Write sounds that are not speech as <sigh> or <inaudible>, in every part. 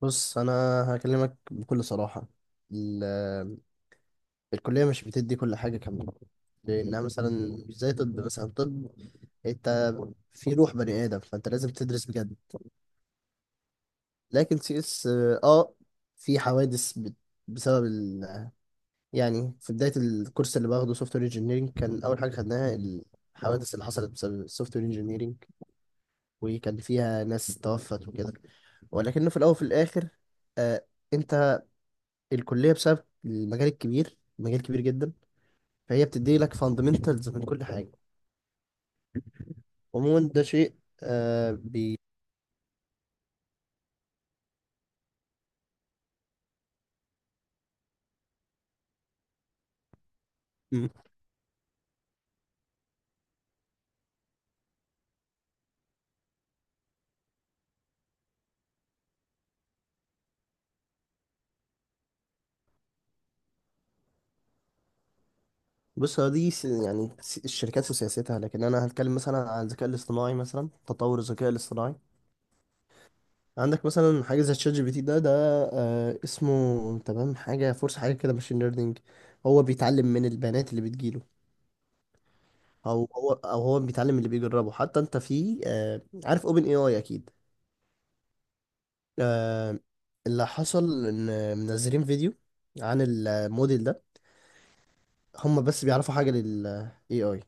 بص انا هكلمك بكل صراحه. ال- آه، الكليه مش بتدي كل حاجه كامله، لانها مثلا مش زي طب، مثلا طب انت في روح بني ادم، فانت لازم تدرس بجد. لكن سي اس في حوادث بسبب ال... آه، يعني في بدايه الكورس اللي باخده سوفت وير انجينيرنج كان اول حاجه خدناها الحوادث اللي حصلت بسبب السوفت وير انجينيرنج. وكان فيها ناس توفت وكده. ولكنه في الاول وفي الاخر آه، انت الكلية بسبب المجال الكبير، مجال كبير جدا، فهي بتدي لك فاندمنتالز من كل حاجة. عموما ده شيء. آه بي مم. بص، هو دي يعني الشركات وسياستها، لكن انا هتكلم مثلا عن الذكاء الاصطناعي، مثلا تطور الذكاء الاصطناعي. عندك مثلا حاجة زي تشات جي بي تي ده. اسمه تمام، حاجة فرصة حاجة كده، ماشين ليرنينج. هو بيتعلم من البيانات اللي بتجيله. او هو بيتعلم اللي بيجربه. حتى انت في عارف اوبن اي اي اكيد. آه، اللي حصل ان منزلين فيديو عن الموديل ده. هم بس بيعرفوا حاجه لل AI،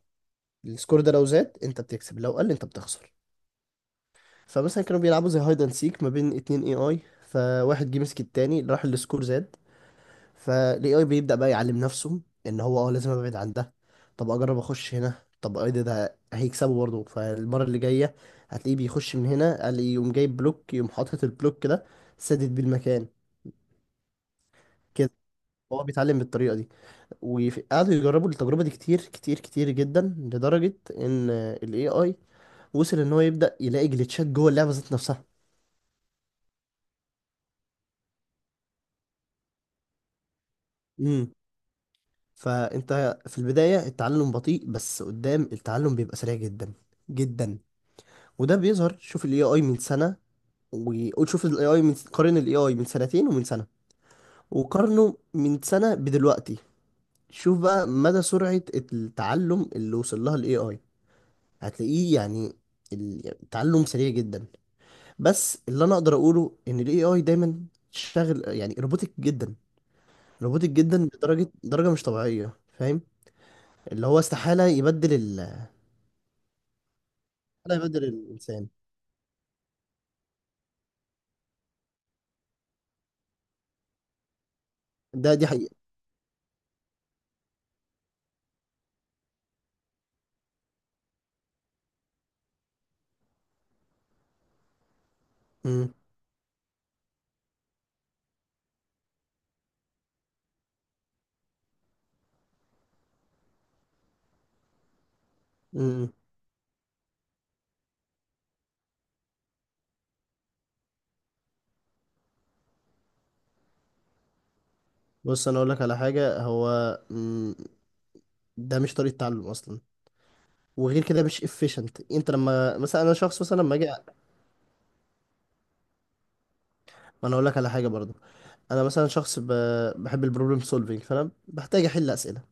السكور ده لو زاد انت بتكسب، لو قل انت بتخسر. فمثلا كانوا بيلعبوا زي هايد اند سيك ما بين اتنين AI. فواحد جه مسك التاني راح السكور زاد، فال AI بيبدأ بقى يعلم نفسه ان هو لازم ابعد عن ده. طب اجرب اخش هنا. طب ايه ده؟ هيكسبه برضه فالمره اللي جايه هتلاقيه بيخش من هنا، قال إيه، يقوم جايب بلوك، يقوم حاطط البلوك ده سادد بيه المكان. هو بيتعلم بالطريقة دي. وقعدوا يجربوا التجربة دي كتير كتير كتير جدا، لدرجة ان ال AI وصل ان هو يبدأ يلاقي جليتشات جوه اللعبة ذات نفسها. امم فانت في البداية التعلم بطيء، بس قدام التعلم بيبقى سريع جدا جدا. وده بيظهر، شوف ال AI من سنة، وشوف ال AI قارن ال AI من سنتين ومن سنة، وقارنه من سنة بدلوقتي. شوف بقى مدى سرعة التعلم اللي وصل لها ال AI، هتلاقيه يعني التعلم سريع جدا. بس اللي انا اقدر اقوله ان الاي اي دايما شاغل، يعني روبوتك جدا، روبوتك جدا لدرجه مش طبيعيه، فاهم؟ اللي هو استحاله يبدل استحاله يبدل الانسان. ده دي حقيقه. امم، امم، إمم. بص انا اقول لك على حاجه هو. مم. ده مش طريقه تعلم اصلا، وغير كده مش efficient. انت لما مثلا، انا شخص مثلا لما اجي. ما انا اقول لك على حاجه برضو، انا مثلا شخص بحب البروبلم سولفينج، فانا بحتاج احل اسئله.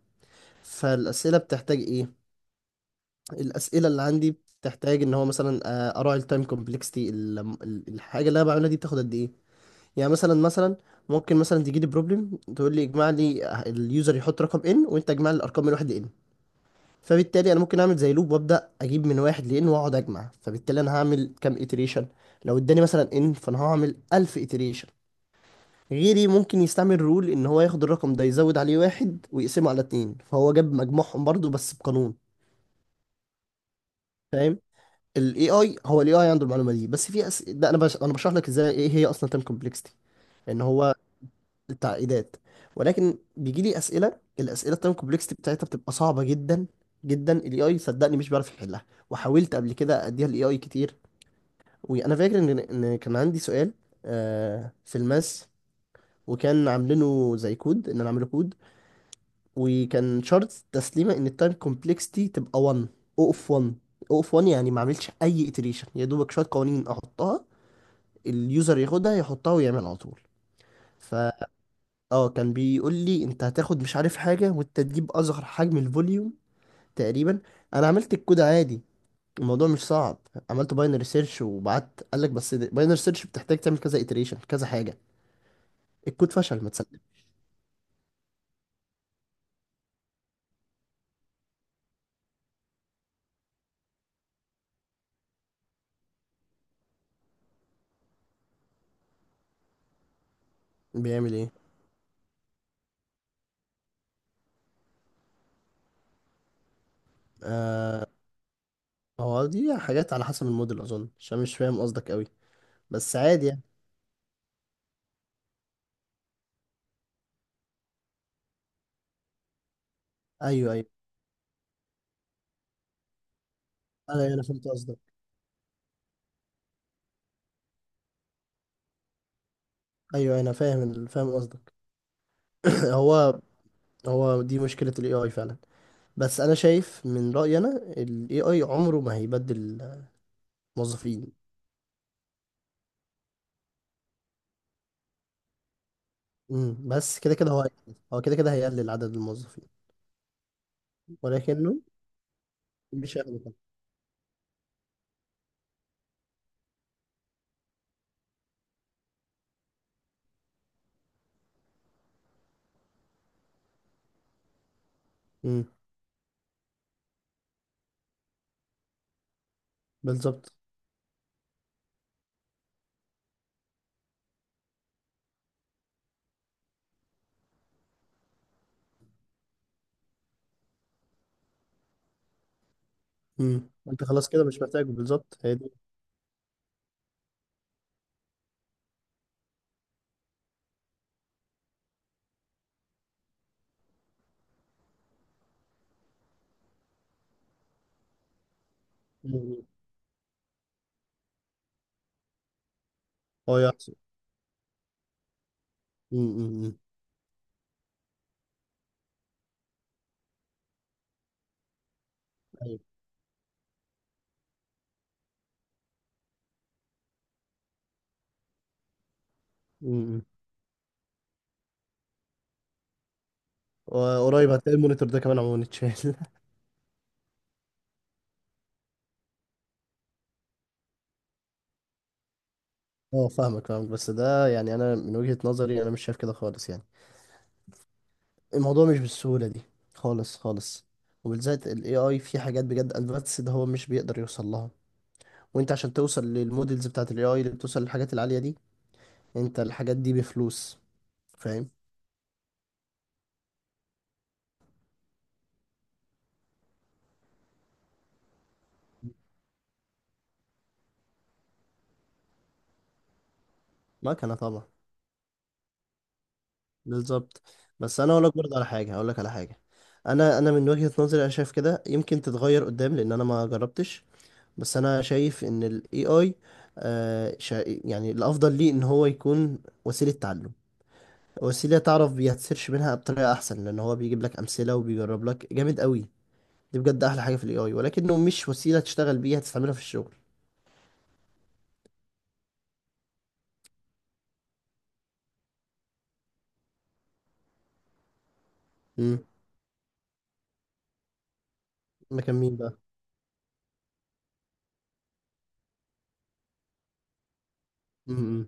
فالاسئله بتحتاج ايه؟ الاسئله اللي عندي بتحتاج ان هو مثلا اراعي التايم كومبلكسيتي، الحاجه اللي انا بعملها دي بتاخد قد ايه. يعني مثلا، ممكن مثلا تجي لي بروبلم تقول لي اجمع لي، اليوزر يحط رقم ان، وانت اجمع لي الارقام من واحد لان. فبالتالي انا ممكن اعمل زي لوب، وابدا اجيب من واحد لان واقعد اجمع، فبالتالي انا هعمل كام اتريشن. لو اداني مثلا ان، فانا هعمل 1000 اتريشن. غيري ممكن يستعمل رول، ان هو ياخد الرقم ده يزود عليه واحد ويقسمه على اتنين، فهو جاب مجموعهم برضو بس بقانون. فاهم؟ الاي اي، هو الاي اي عنده المعلومه دي، بس في ده انا انا بشرح لك ازاي ايه هي اصلا تايم كومبلكسيتي، ان هو التعقيدات. ولكن بيجي لي اسئله، الاسئله التايم كومبلكسيتي بتاعتها بتبقى صعبه جدا جدا، الاي اي صدقني مش بيعرف يحلها. وحاولت قبل كده اديها الاي اي كتير، وانا فاكر ان كان عندي سؤال في الماس، وكان عاملينه زي كود، ان انا اعمله كود. وكان شرط تسليمه ان التايم كومبلكسيتي تبقى 1، او اوف 1، او اوف 1. يعني ما عملتش اي iteration، يا دوبك شويه قوانين احطها، اليوزر ياخدها يحطها ويعمل على طول. فا اه كان بيقول لي انت هتاخد مش عارف حاجه، وانت تجيب اصغر حجم الفوليوم تقريبا. انا عملت الكود عادي، الموضوع مش صعب. عملت باينري سيرش وبعت، قال لك بس باينري سيرش بتحتاج تعمل كذا iteration كذا حاجه. الكود فشل ما تسلم. بيعمل ايه؟ آه هو دي حاجات على حسب الموديل اظن، عشان مش فاهم قصدك قوي، بس عادي يعني. ايوه، ايوه، انا فهمت قصدك. ايوه انا فاهم فاهم قصدك. <clears throat> هو هو دي مشكله الاي اي فعلا. بس انا شايف من رأيي انا، ال AI عمره ما هيبدل موظفين. امم، بس كده كده هو هيقلل. هو كده كده هيقلل عدد الموظفين، ولكنه مش هياخده. امم، بالظبط. امم، انت خلاص كده مش محتاجه، بالظبط هي دي. مم. هو يحصل. امم، أمم. ايوه. امم. وقريب هتلاقي المونيتور ده كمان عموما اتشال. <laughs> اه، فاهمك فاهمك، بس ده يعني انا من وجهة نظري انا مش شايف كده خالص يعني. الموضوع مش بالسهولة دي خالص خالص، وبالذات ال AI في حاجات بجد advanced ده هو مش بيقدر يوصل لها. وانت عشان توصل للمودلز بتاعت الاي اي اللي بتوصل للحاجات العالية دي، انت الحاجات دي بفلوس. فاهم؟ مكنة طبعا. بالظبط. بس انا اقول لك برضه على حاجة، اقول لك على حاجة، انا من وجهة نظري انا شايف كده، يمكن تتغير قدام لان انا ما جربتش. بس انا شايف ان الاي اي يعني الافضل ليه ان هو يكون وسيلة تعلم، وسيلة تعرف بيتسيرش منها بطريقة احسن، لان هو بيجيب لك امثلة وبيجرب لك جامد قوي. دي بجد احلى حاجة في الاي اي، ولكنه مش وسيلة تشتغل بيها تستعملها في الشغل. ده كان مين بقى؟ امم.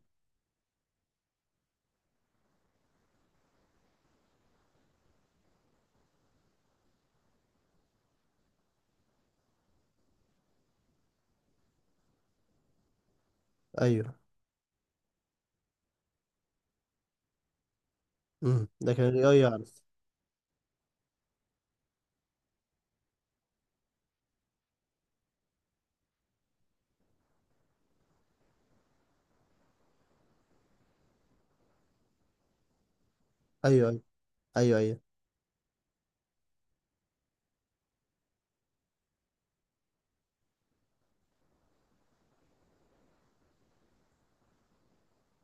ايوه. امم. ده كان، ايوه، يعرف. ايوه ايوه. ايوه ايوه.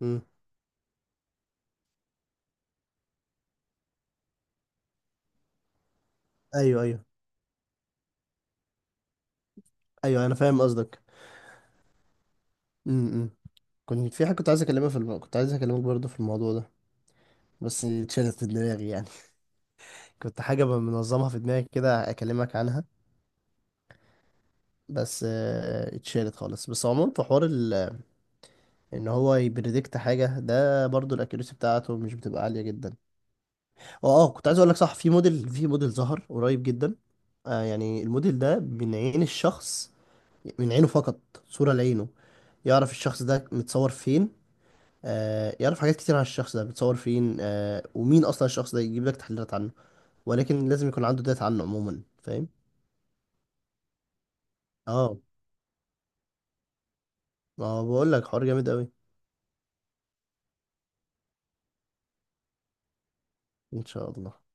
امم. ايوه ايوه. ايوه انا فاهم قصدك. امم. كنت في حاجه، كنت عايز اكلمها في كنت عايز اكلمك برضه في الموضوع ده، بس اتشالت في دماغي يعني. <laughs> كنت حاجه منظمها في دماغي كده اكلمك عنها، بس اتشالت خالص. بس عموما في حوار ان هو يبريدكت حاجه ده، برضه الاكيوريسي بتاعته مش بتبقى عاليه جدا. اه كنت عايز اقول لك صح، في موديل، ظهر قريب جدا. يعني الموديل ده من عين الشخص، من عينه فقط، صورة لعينه، يعرف الشخص ده متصور فين. يعرف حاجات كتير عن الشخص ده متصور فين، ومين أصلا الشخص ده، يجيب لك تحليلات عنه، ولكن لازم يكون عنده داتا عنه عموما. فاهم؟ اه، ما بقول لك حوار جامد أوي. إن شاء الله.